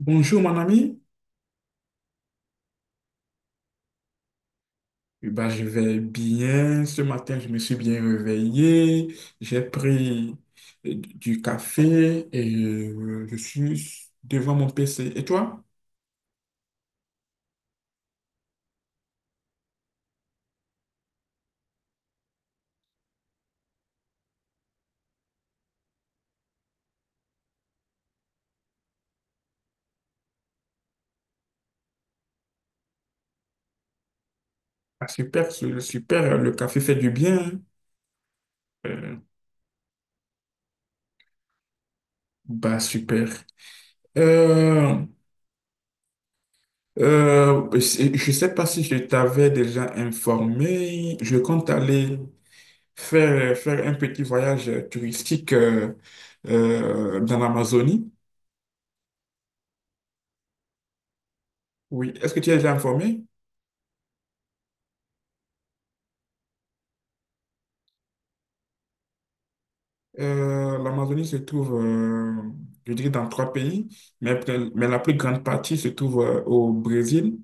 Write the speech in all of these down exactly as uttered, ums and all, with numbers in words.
Bonjour mon ami. Eh ben, je vais bien. Ce matin, je me suis bien réveillé. J'ai pris euh, du café et euh, je suis devant mon P C. Et toi? Ah, super, su- super. Le café fait du bien, hein. Euh, bah super. Euh, euh, c'est- je ne sais pas si je t'avais déjà informé. Je compte aller faire, faire un petit voyage touristique euh, euh, dans l'Amazonie. Oui, est-ce que tu es déjà informé? Euh, l'Amazonie se trouve, euh, je dirais, dans trois pays, mais, pr- mais la plus grande partie se trouve euh, au Brésil.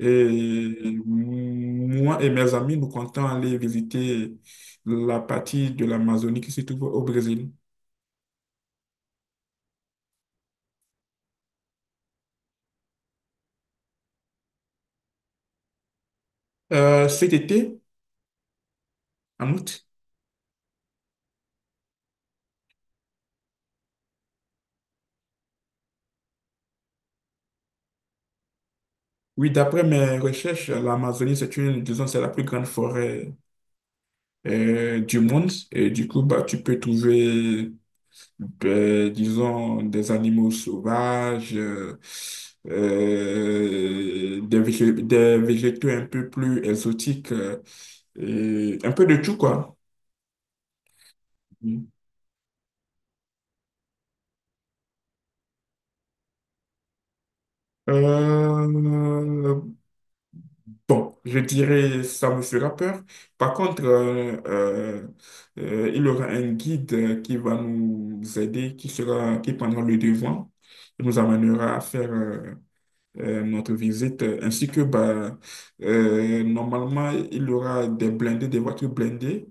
Et moi et mes amis, nous comptons aller visiter la partie de l'Amazonie qui se trouve au Brésil. Euh, cet été, en août. Oui, d'après mes recherches, l'Amazonie, c'est une, disons, c'est la plus grande forêt euh, du monde. Et du coup, bah, tu peux trouver ben, disons, des animaux sauvages, euh, euh, des végé- des végétaux un peu plus exotiques, euh, et un peu de tout, quoi. Mm. Euh, bon, je dirais ça me fera peur. Par contre, euh, euh, euh, il y aura un guide euh, qui va nous aider, qui sera, qui prendra le devant, qui nous amènera à faire euh, euh, notre visite, euh, ainsi que bah, euh, normalement, il y aura des blindés, des voitures blindées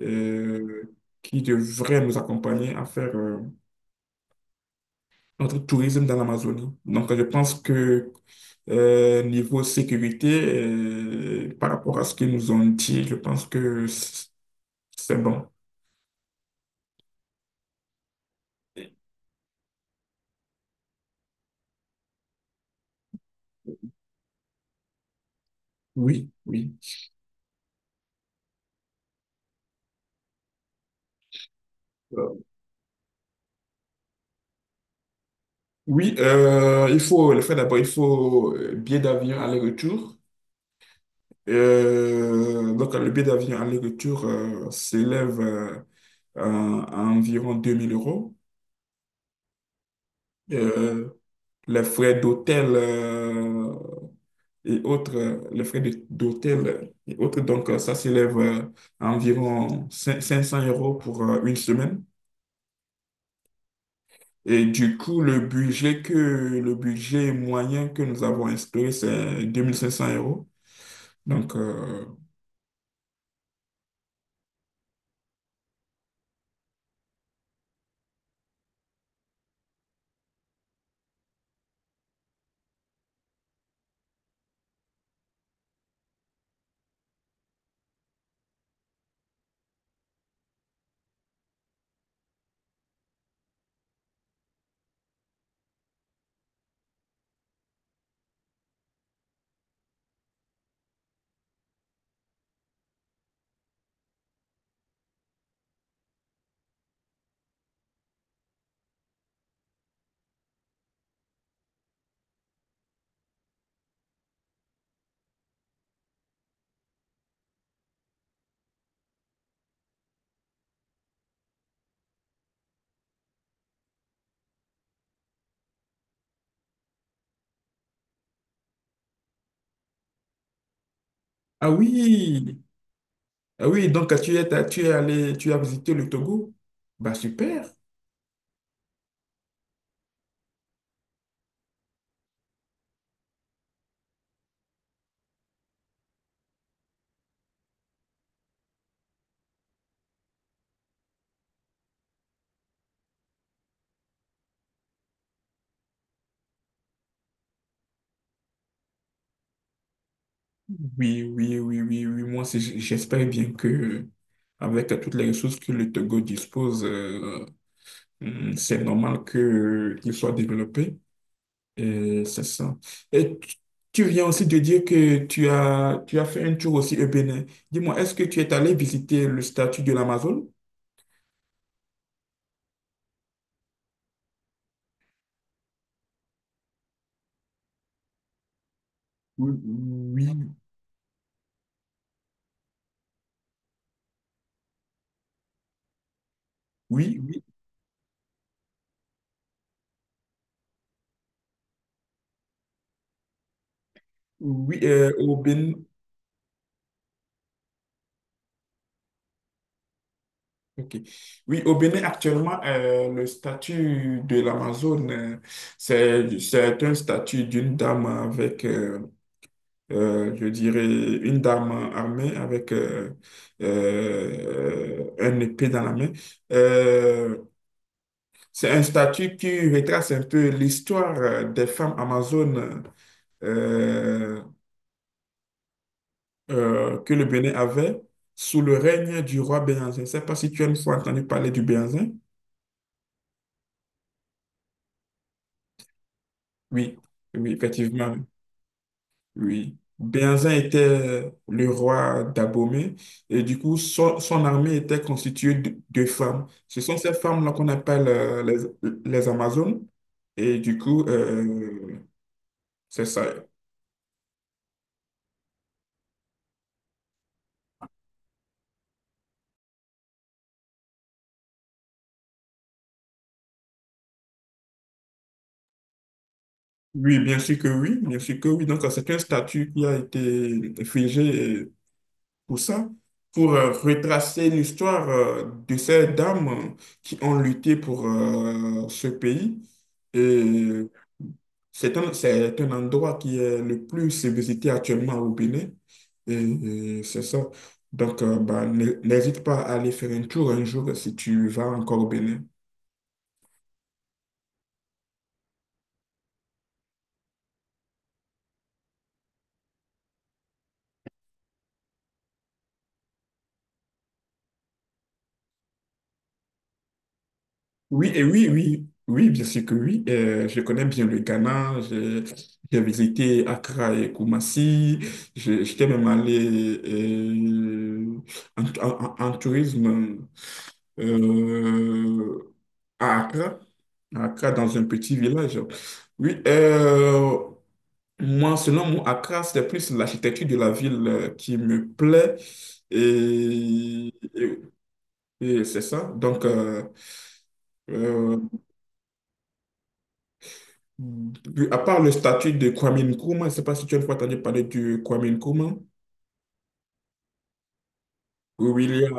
euh, qui devraient nous accompagner à faire euh, notre tourisme dans l'Amazonie. Donc, je pense que euh, niveau sécurité, euh, par rapport à ce qu'ils nous ont dit, je pense que c- c'est bon. Oui, oui. Euh, oui, euh, il faut le faire d'abord, il faut euh, billet d'avion aller-retour. Euh, donc, le billet d'avion aller-retour euh, s'élève euh, à, à environ deux mille euros. Euh, les frais d'hôtel euh, et autres, euh, les frais de- d'hôtel et autres, donc euh, ça s'élève euh, à environ cin- cinq cents euros pour euh, une semaine. Et du coup, le budget que, le budget moyen que nous avons instauré, c'est deux mille cinq cents euros. Donc, euh, ah oui! Ah oui, donc tu es, tu es allé, tu as visité le Togo? Bah super. Oui, oui, oui, oui, oui. Moi, c'est- j'espère bien que avec toutes les ressources que le Togo dispose, euh, hmm, c'est normal que qu'il soit développé. Et c'est ça. Et tu tu viens aussi de dire que tu as, tu as fait un tour aussi au Bénin. Dis-moi, est-ce que tu es allé visiter le statut de l'Amazone? Oui, oui, oui, oui, oui, euh, au Bénin. Ok. Oui, au Bénin, actuellement, euh, le statut de l'Amazone, euh, c'est, c'est un statut d'une dame avec, euh, euh, je dirais, une dame armée avec euh, euh, un épée dans la main. Euh, c'est un statut qui retrace un peu l'histoire euh, des femmes amazones euh, euh, que le Bénin avait sous le règne du roi Béhanzin. Je ne sais pas si tu as une fois entendu parler du Béhanzin. Oui, oui, effectivement. Oui, Béhanzin était le roi d'Abomey et du coup, son, son armée était constituée de, de femmes. Ce sont ces femmes-là qu'on appelle euh, les, les Amazones et du coup, euh, c'est ça. Oui, bien sûr que oui, bien sûr que oui. Donc, euh, c'est un statut qui a été figé euh, pour ça, pour euh, retracer l'histoire euh, de ces dames euh, qui ont lutté pour euh, ce pays. Et C'est un, c'est un endroit qui est le plus visité actuellement au Bénin. Et, et c'est ça. Donc, euh, bah, ne- n'hésite pas à aller faire un tour un jour si tu vas encore au Bénin. Oui, et oui, oui, oui, bien sûr que oui. Euh, je connais bien le Ghana. J'ai j'ai visité Accra et Koumassi. Je- J'étais même allé euh, en, en- en- en tourisme. euh, à Accra, à Accra, dans un petit village. Oui, euh, moi, selon moi, Accra, c'est plus l'architecture de la ville euh, qui me plaît. Et, et- et c'est ça. Donc, euh, euh, oui, à part le statut de Kwame Nkrumah, je ne sais pas si tu as une fois entendu parler du Kwame Nkrumah. Oui, oui, il y a.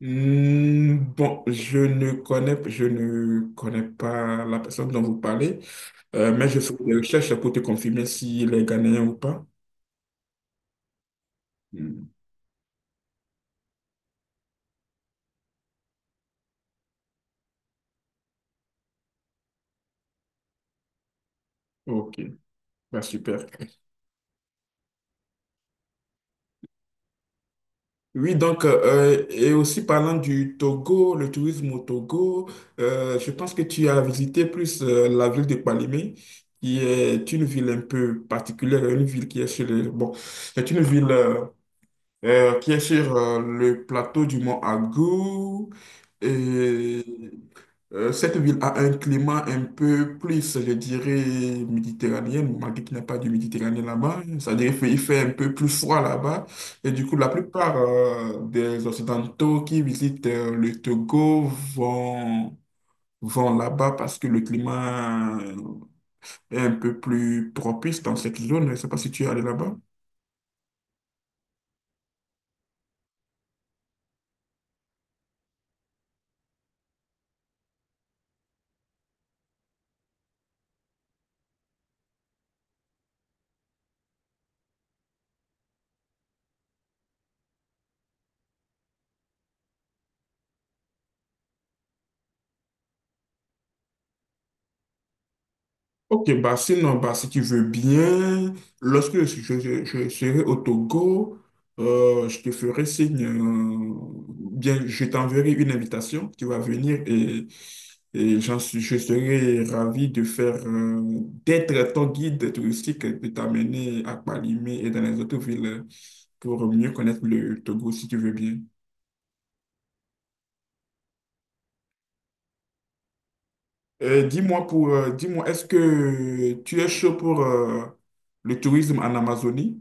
Hmm. Bon, je ne connais, je ne connais pas la personne dont vous parlez, euh, mais je fais des recherches pour te confirmer s'il est Ghanéen ou pas. Hmm. Ok, bah, super. Oui, donc, euh, et aussi parlant du Togo, le tourisme au Togo, euh, je pense que tu as visité plus euh, la ville de Palimé, qui est une ville un peu particulière, une ville qui est sur le, bon, c'est une ville euh, euh, qui est sur euh, le plateau du mont Agou. Et Euh, cette ville a un climat un peu plus, je dirais, méditerranéen, malgré qu'il n'y a pas de Méditerranée là-bas. C'est-à-dire qu'il fait, il fait un peu plus froid là-bas. Et du coup, la plupart euh, des Occidentaux qui visitent euh, le Togo vont, vont là-bas parce que le climat est un peu plus propice dans cette zone. Je ne sais pas si tu es allé là-bas. Ok, bah sinon, bah, si tu veux bien, lorsque je, je- je serai au Togo, euh, je te ferai signe, euh, bien, je t'enverrai une invitation, tu vas venir et, et, j'en suis, je serai ravi de faire, euh, d'être ton guide touristique, de t'amener à Palimé et dans les autres villes pour mieux connaître le Togo, si tu veux bien. Euh, dis-moi pour, euh, dis-moi, est-ce que tu es chaud pour, euh, le tourisme en Amazonie?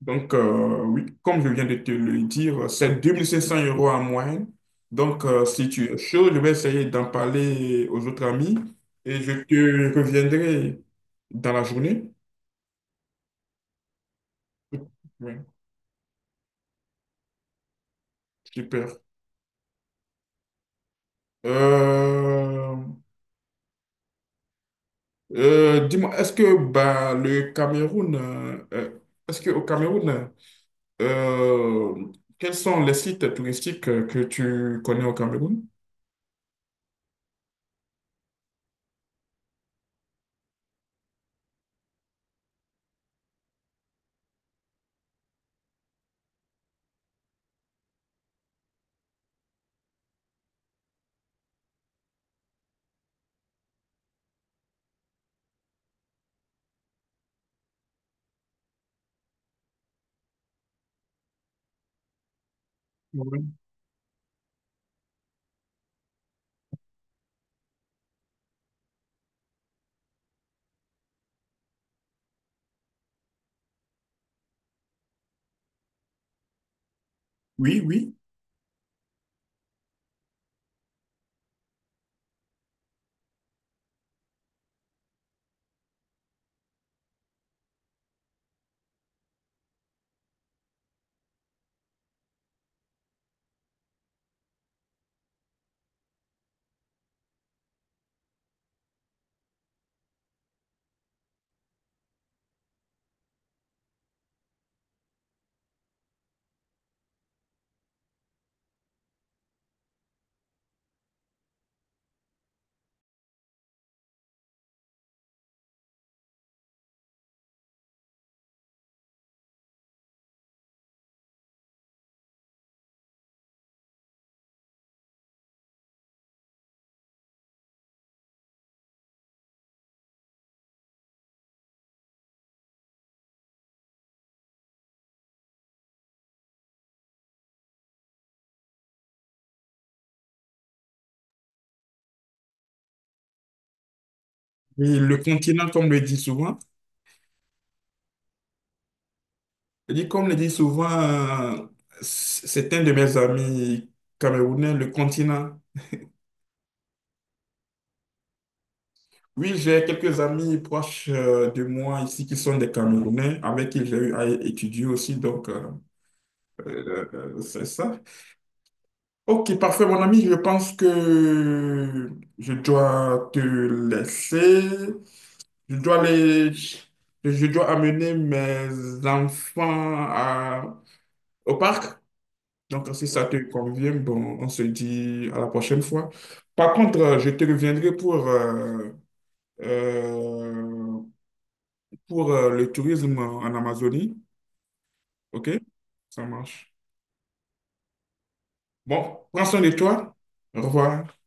Donc, euh, oui, comme je viens de te le dire, c'est deux mille cinq cents euros en moyenne. Donc, euh, si tu es chaud, je vais essayer d'en parler aux autres amis et je te reviendrai dans la journée. Oui, super. Euh, euh, dis-moi, est-ce que bah, le Cameroun, euh, euh, est-ce qu'au Cameroun, Euh, quels sont les sites touristiques euh, que tu connais au Cameroun? Ouais. Oui, oui. oui. Et le continent, comme le dit souvent, je dis comme le dit souvent, euh, c- c'est un de mes amis camerounais, le continent. Oui, j'ai quelques amis proches euh, de moi ici qui sont des Camerounais, avec qui j'ai eu à étudier aussi, donc euh, euh, euh, c'est ça. Ok, parfait, mon ami. Je pense que je dois te laisser. Je dois les... Je dois amener mes enfants à- au parc. Donc, si ça te convient, bon, on se dit à la prochaine fois. Par contre, euh, je te reviendrai pour, euh, euh, pour euh, le tourisme en Amazonie. Ok? Ça marche. Bon, prends soin de toi. Au revoir.